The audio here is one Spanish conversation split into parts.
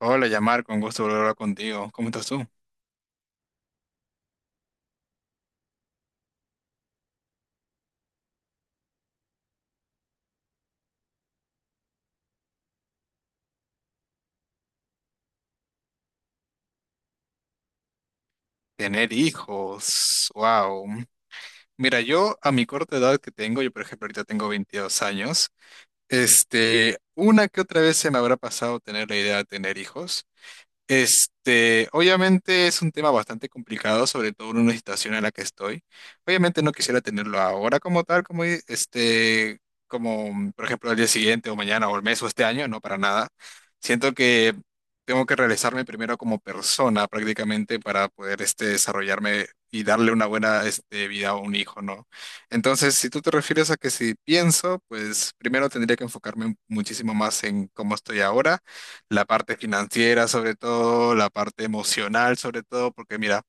Hola, Yamar, con gusto volver a hablar contigo. ¿Cómo estás tú? Tener hijos, wow. Mira, yo a mi corta edad que tengo, yo por ejemplo ahorita tengo 22 años, una que otra vez se me habrá pasado tener la idea de tener hijos. Obviamente es un tema bastante complicado, sobre todo en una situación en la que estoy. Obviamente no quisiera tenerlo ahora como tal, como por ejemplo al día siguiente o mañana o el mes o este año, no para nada. Siento que tengo que realizarme primero como persona prácticamente para poder desarrollarme y darle una buena vida a un hijo, ¿no? Entonces, si tú te refieres a que si pienso, pues primero tendría que enfocarme muchísimo más en cómo estoy ahora, la parte financiera sobre todo, la parte emocional sobre todo, porque mira,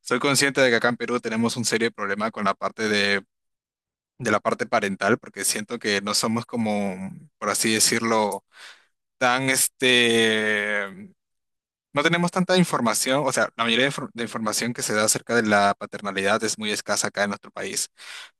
soy consciente de que acá en Perú tenemos un serio problema con la parte de la parte parental, porque siento que no somos como, por así decirlo, tan este, no tenemos tanta información, o sea, la mayoría de información que se da acerca de la paternalidad es muy escasa acá en nuestro país.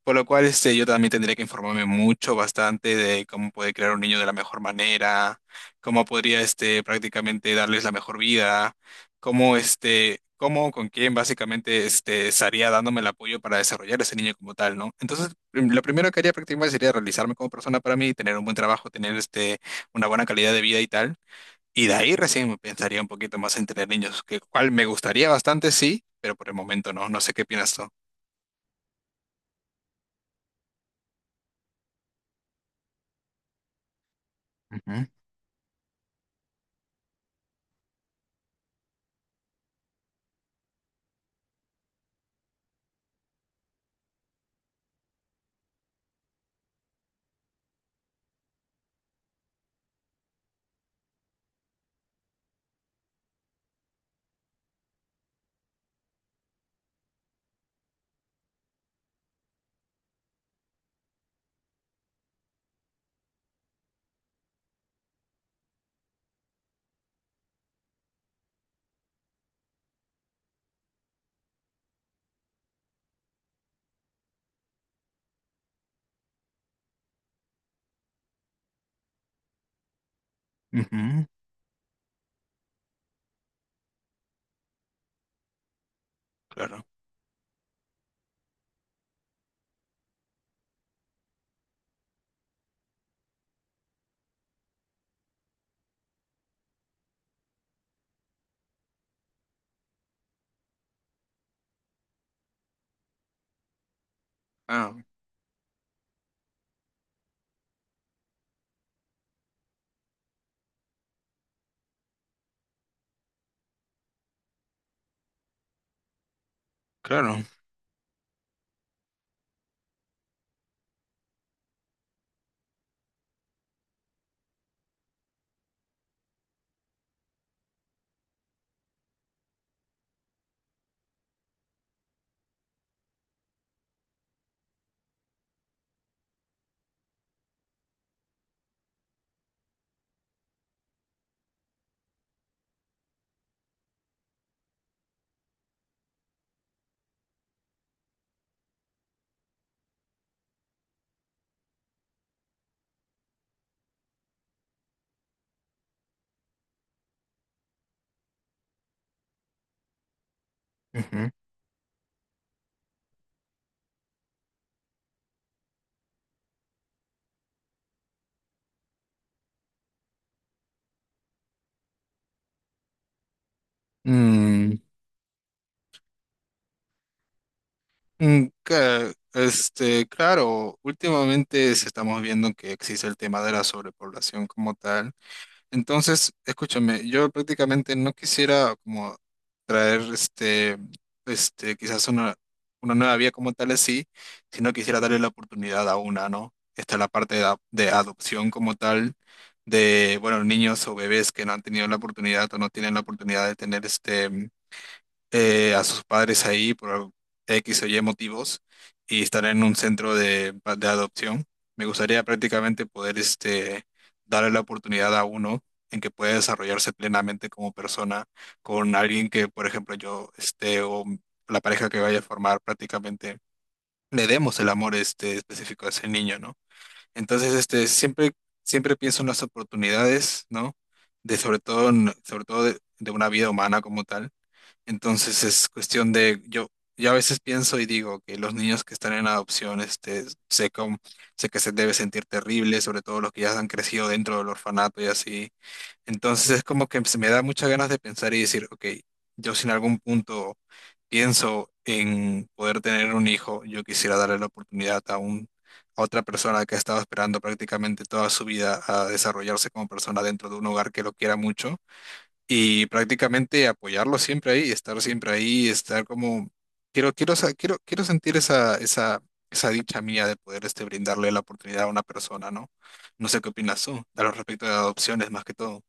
Por lo cual, yo también tendría que informarme mucho, bastante, de cómo puede crear un niño de la mejor manera, cómo podría, prácticamente darles la mejor vida, cómo, cómo, con quién, básicamente, estaría dándome el apoyo para desarrollar ese niño como tal, ¿no? Entonces, lo primero que haría prácticamente sería realizarme como persona para mí, tener un buen trabajo, tener, una buena calidad de vida y tal. Y de ahí recién pensaría un poquito más en tener niños, que cual me gustaría bastante, sí, pero por el momento no. No sé qué piensas tú. Ujú, ujú. Claro. Ah, claro. Ujú. Mm, mm, claro, últimamente se estamos viendo que existe el tema de la sobrepoblación como tal. Entonces, escúchame, yo prácticamente no quisiera como traer quizás una nueva vía como tal así, sino quisiera darle la oportunidad a una, ¿no? Está la parte de adopción como tal, de, bueno, niños o bebés que no han tenido la oportunidad o no tienen la oportunidad de tener a sus padres ahí por X o Y motivos y estar en un centro de adopción. Me gustaría prácticamente poder darle la oportunidad a uno en que pueda desarrollarse plenamente como persona con alguien que, por ejemplo, o la pareja que vaya a formar prácticamente le demos el amor específico a ese niño, ¿no? Entonces, siempre pienso en las oportunidades, ¿no? De sobre todo, sobre todo de una vida humana como tal, entonces es cuestión de, yo a veces pienso y digo que los niños que están en adopción, sé, cómo- sé que se debe sentir terrible, sobre todo los que ya han crecido dentro del orfanato y así. Entonces es como que se me da muchas ganas de pensar y decir, ok, yo si en algún punto pienso en poder tener un hijo, yo quisiera darle la oportunidad a otra persona que ha estado esperando prácticamente toda su vida a desarrollarse como persona dentro de un hogar que lo quiera mucho y prácticamente apoyarlo siempre ahí, estar como, quiero sentir esa dicha mía de poder brindarle la oportunidad a una persona, ¿no? No sé qué opinas tú, a lo respecto de adopciones más que todo.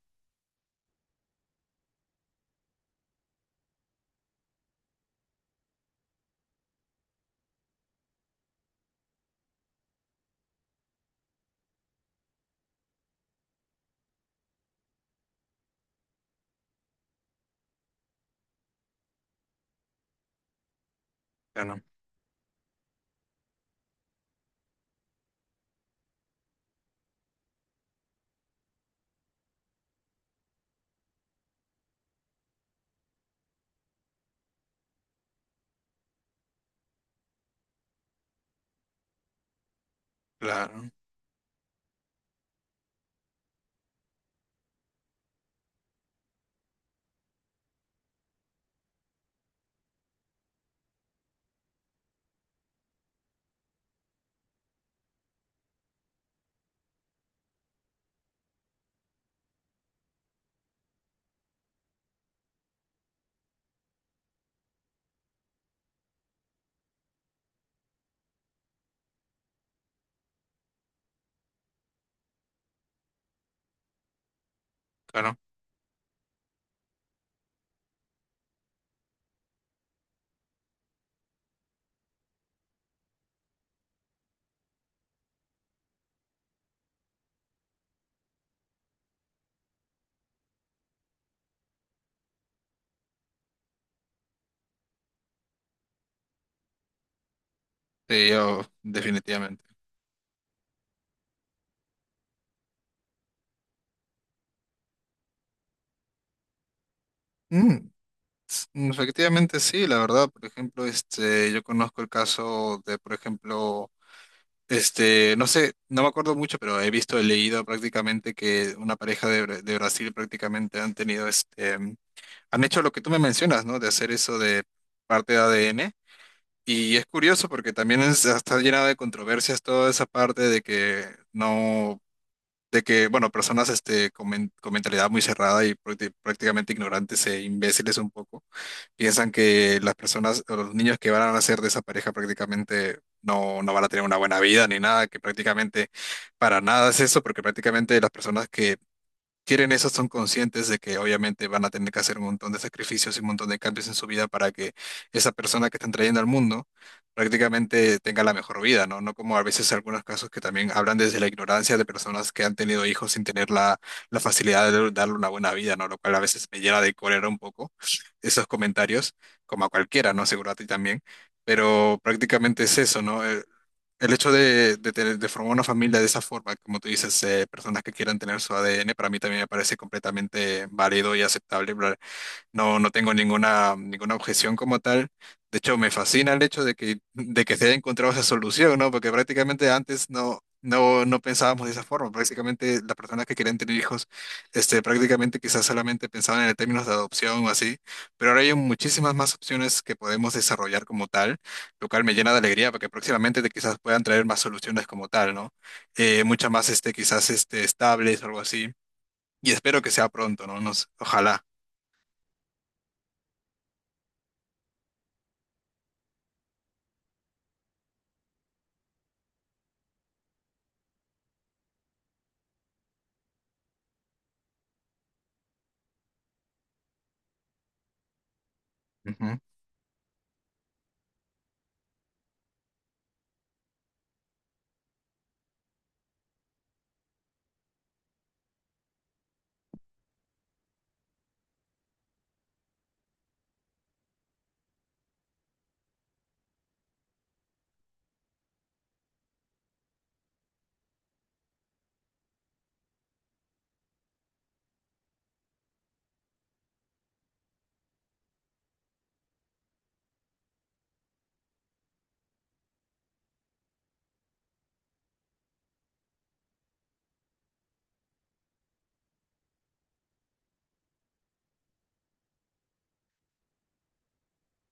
Claro, claro, claro. Sí, yo, definitivamente. Mm, efectivamente sí, la verdad, por ejemplo, yo conozco el caso de, por ejemplo, este, no sé, no me acuerdo mucho, pero he visto, he leído prácticamente que una pareja de, de Brasil prácticamente han tenido han hecho lo que tú me mencionas, ¿no? De hacer eso de parte de ADN. Y es curioso porque también está llena de controversias toda esa parte de que no, de que, bueno, personas con, con mentalidad muy cerrada y prácticamente ignorantes e imbéciles un poco piensan que las personas o los niños que van a nacer de esa pareja prácticamente no, no van a tener una buena vida ni nada, que prácticamente para nada es eso, porque prácticamente las personas que quieren eso son conscientes de que obviamente van a tener que hacer un montón de sacrificios y un montón de cambios en su vida para que esa persona que están trayendo al mundo prácticamente tenga la mejor vida, ¿no? No como a veces algunos casos que también hablan desde la ignorancia de personas que han tenido hijos sin tener la facilidad de darle una buena vida, ¿no? Lo cual a veces me llena de cólera un poco esos comentarios, como a cualquiera, ¿no? Seguro a ti también. Pero prácticamente es eso, ¿no? El hecho de formar una familia de esa forma, como tú dices, personas que quieran tener su ADN, para mí también me parece completamente válido y aceptable. No, no tengo ninguna objeción como tal. De hecho, me fascina el hecho de que se haya encontrado esa solución, ¿no? Porque prácticamente antes no pensábamos de esa forma. Prácticamente las personas que querían tener hijos, prácticamente quizás solamente pensaban en términos de adopción o así. Pero ahora hay muchísimas más opciones que podemos desarrollar como tal, lo cual me llena de alegría porque próximamente quizás puedan traer más soluciones como tal, ¿no? Muchas más, estables o algo así. Y espero que sea pronto, ¿no? Nos, ojalá.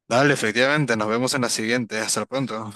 Dale, efectivamente, nos vemos en la siguiente. Hasta pronto.